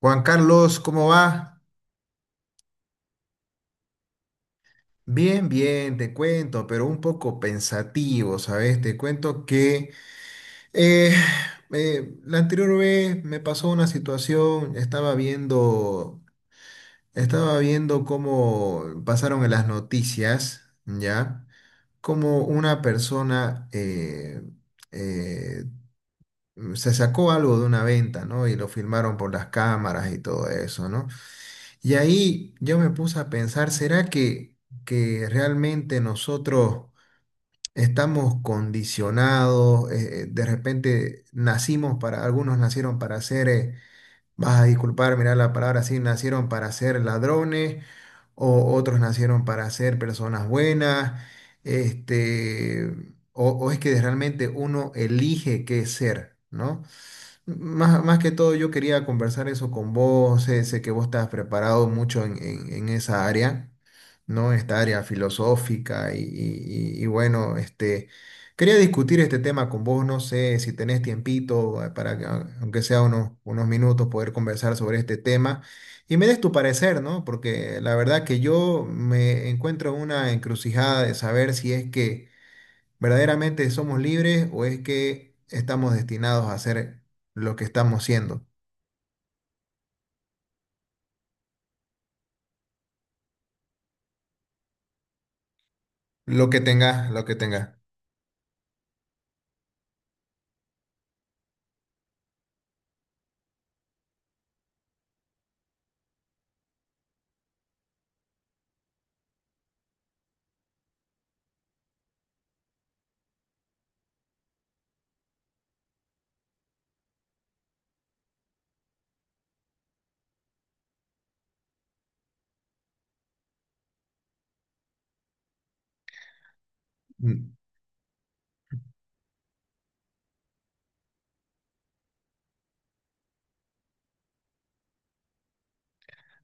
Juan Carlos, ¿cómo va? Bien, bien, te cuento, pero un poco pensativo, ¿sabes? Te cuento que eh, la anterior vez me pasó una situación, estaba viendo cómo pasaron en las noticias, ¿ya? Cómo una persona eh, se sacó algo de una venta, ¿no? Y lo filmaron por las cámaras y todo eso, ¿no? Y ahí yo me puse a pensar, ¿será que realmente nosotros estamos condicionados? De repente nacimos para, algunos nacieron para ser, vas a disculpar, mirar la palabra así, nacieron para ser ladrones o otros nacieron para ser personas buenas, este, o es que realmente uno elige qué es ser, ¿no? Más que todo yo quería conversar eso con vos, sé que vos estás preparado mucho en, en esa área, ¿no? Esta área filosófica y bueno, este, quería discutir este tema con vos, no sé si tenés tiempito para que, aunque sea unos minutos, poder conversar sobre este tema y me des tu parecer, ¿no? Porque la verdad que yo me encuentro en una encrucijada de saber si es que ¿verdaderamente somos libres o es que estamos destinados a hacer lo que estamos siendo? Lo que tengas, lo que tengas.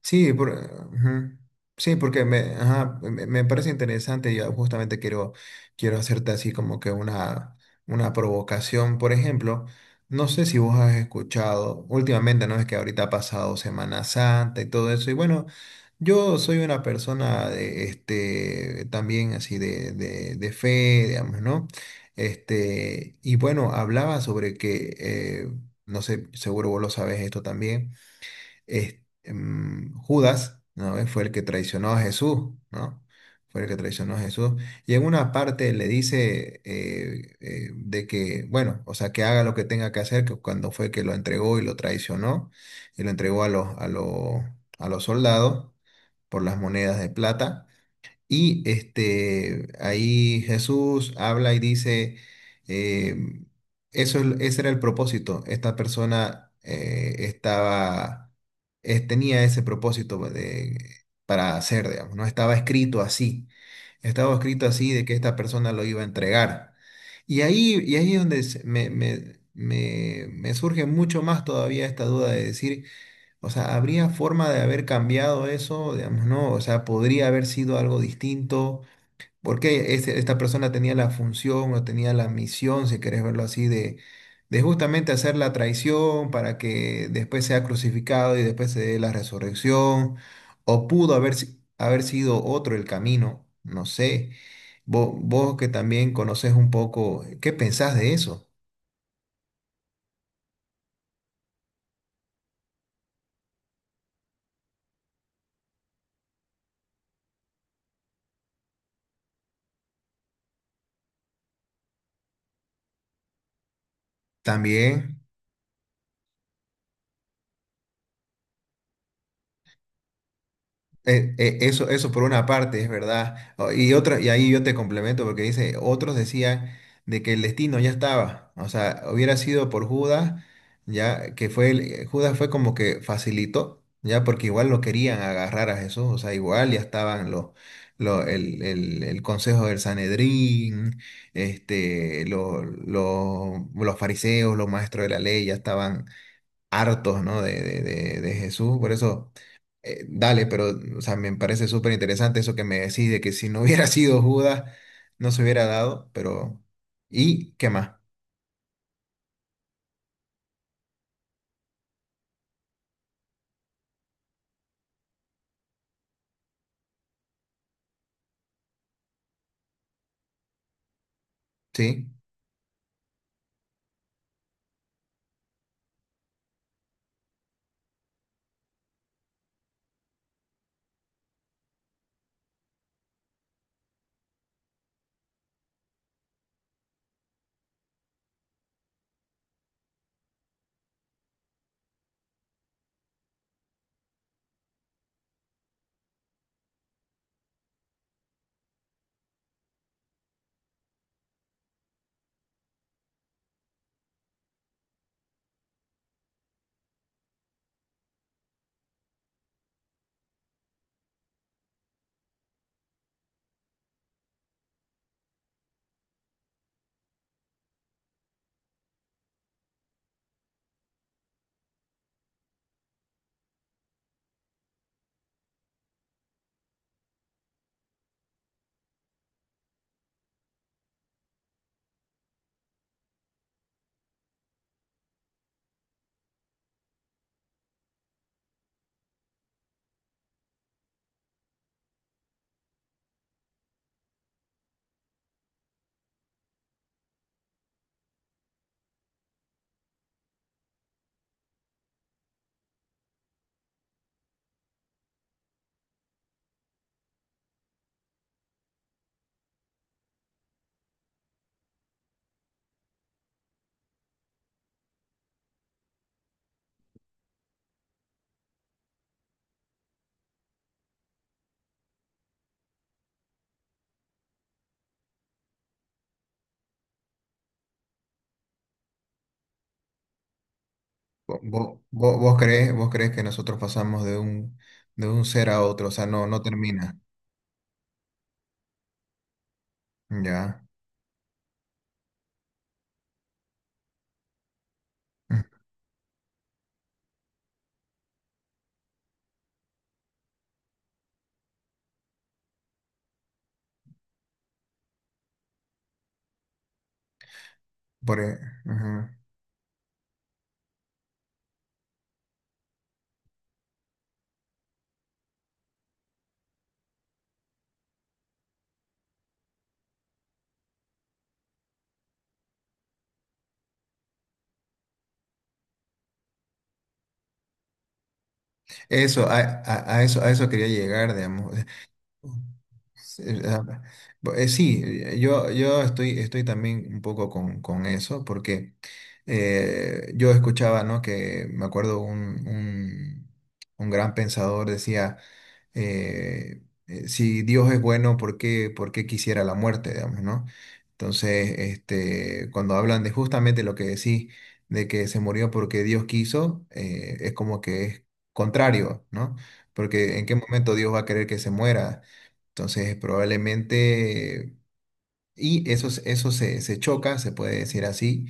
Sí, ujú. Sí, porque ajá, me parece interesante. Yo justamente quiero hacerte así como que una provocación. Por ejemplo, no sé si vos has escuchado últimamente, ¿no? Es que ahorita ha pasado Semana Santa y todo eso. Y bueno, yo soy una persona de, este, también así de fe, digamos, ¿no? Este, y bueno, hablaba sobre que, no sé, seguro vos lo sabes esto también Judas, ¿no? Fue el que traicionó a Jesús, ¿no? Fue el que traicionó a Jesús. Y en una parte le dice de que, bueno, o sea, que haga lo que tenga que hacer, que cuando fue que lo entregó y lo traicionó, y lo entregó a los soldados por las monedas de plata. Y este, ahí Jesús habla y dice, eh, ese era el propósito. Esta persona tenía ese propósito para hacer, digamos, no estaba escrito así. Estaba escrito así de que esta persona lo iba a entregar. Y ahí es donde me surge mucho más todavía esta duda de decir, o sea, ¿habría forma de haber cambiado eso? Digamos, ¿no? O sea, podría haber sido algo distinto. Porque esta persona tenía la función o tenía la misión, si querés verlo así, de justamente hacer la traición para que después sea crucificado y después se dé la resurrección. O pudo haber, si- haber sido otro el camino, no sé. Vos que también conoces un poco, ¿qué pensás de eso? También. Eso por una parte es verdad. Y otra, y ahí yo te complemento porque dice, otros decían de que el destino ya estaba. O sea, hubiera sido por Judas, ya que fue Judas fue como que facilitó, ya porque igual lo querían agarrar a Jesús. O sea, igual ya estaban los, lo- el consejo del Sanedrín, este, los fariseos, los maestros de la ley, ya estaban hartos, ¿no? De Jesús. Por eso, dale, pero, o sea, me parece súper interesante eso que me decís de que si no hubiera sido Judas, no se hubiera dado, pero... ¿Y qué más? ¿Sí? ¿Vos, vos crees que nosotros pasamos de un ser a otro? O sea, no, no termina. Ya. Mm. Por, e- Ujú. Eso, a eso quería llegar, digamos. Sí, sí, yo estoy también un poco con eso, porque yo escuchaba, ¿no? Que me acuerdo un gran pensador decía, eh, si Dios es bueno, ¿por qué quisiera la muerte, digamos, ¿no? Entonces, este, cuando hablan de justamente lo que decís, de que se murió porque Dios quiso, es como que es contrario, ¿no? Porque ¿en qué momento Dios va a querer que se muera? Entonces, probablemente, y eso se choca, se puede decir así,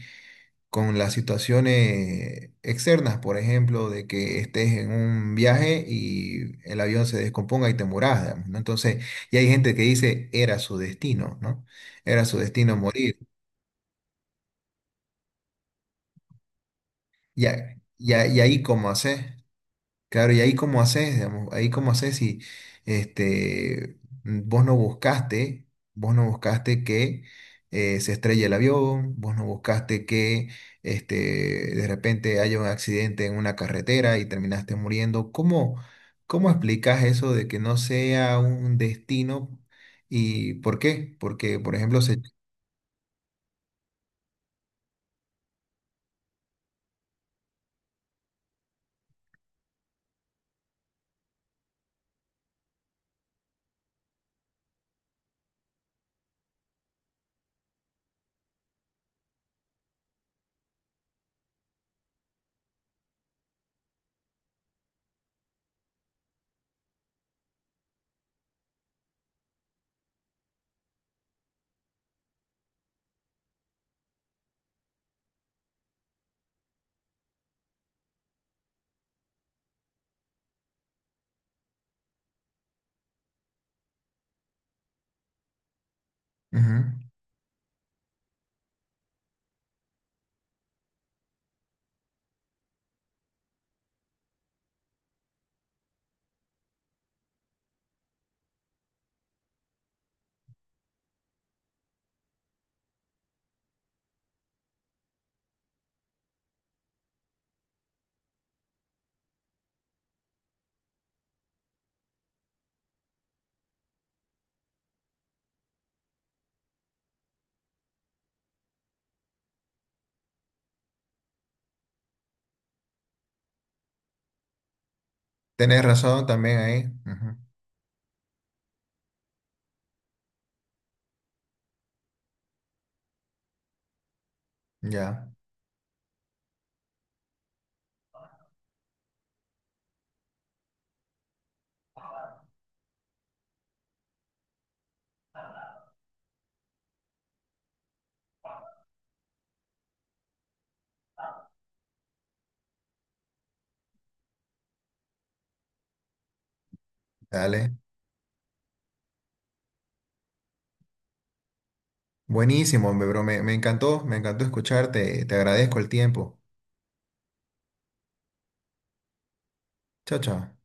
con las situaciones externas, por ejemplo, de que estés en un viaje y el avión se descomponga y te mueras, digamos, ¿no? Entonces, y hay gente que dice, era su destino, ¿no? Era su destino morir. Y ahí, ¿cómo haces? Claro, y ahí cómo haces, digamos, ahí cómo haces si este, vos no buscaste que se estrelle el avión, vos no buscaste que este, de repente haya un accidente en una carretera y terminaste muriendo. ¿Cómo explicas eso de que no sea un destino y por qué? Porque, por ejemplo, se... Ujú. Tenés razón también ahí. Ujú. Ya, dale. Buenísimo, hombre, bro. Me encantó escucharte. Te agradezco el tiempo. Chao, chao.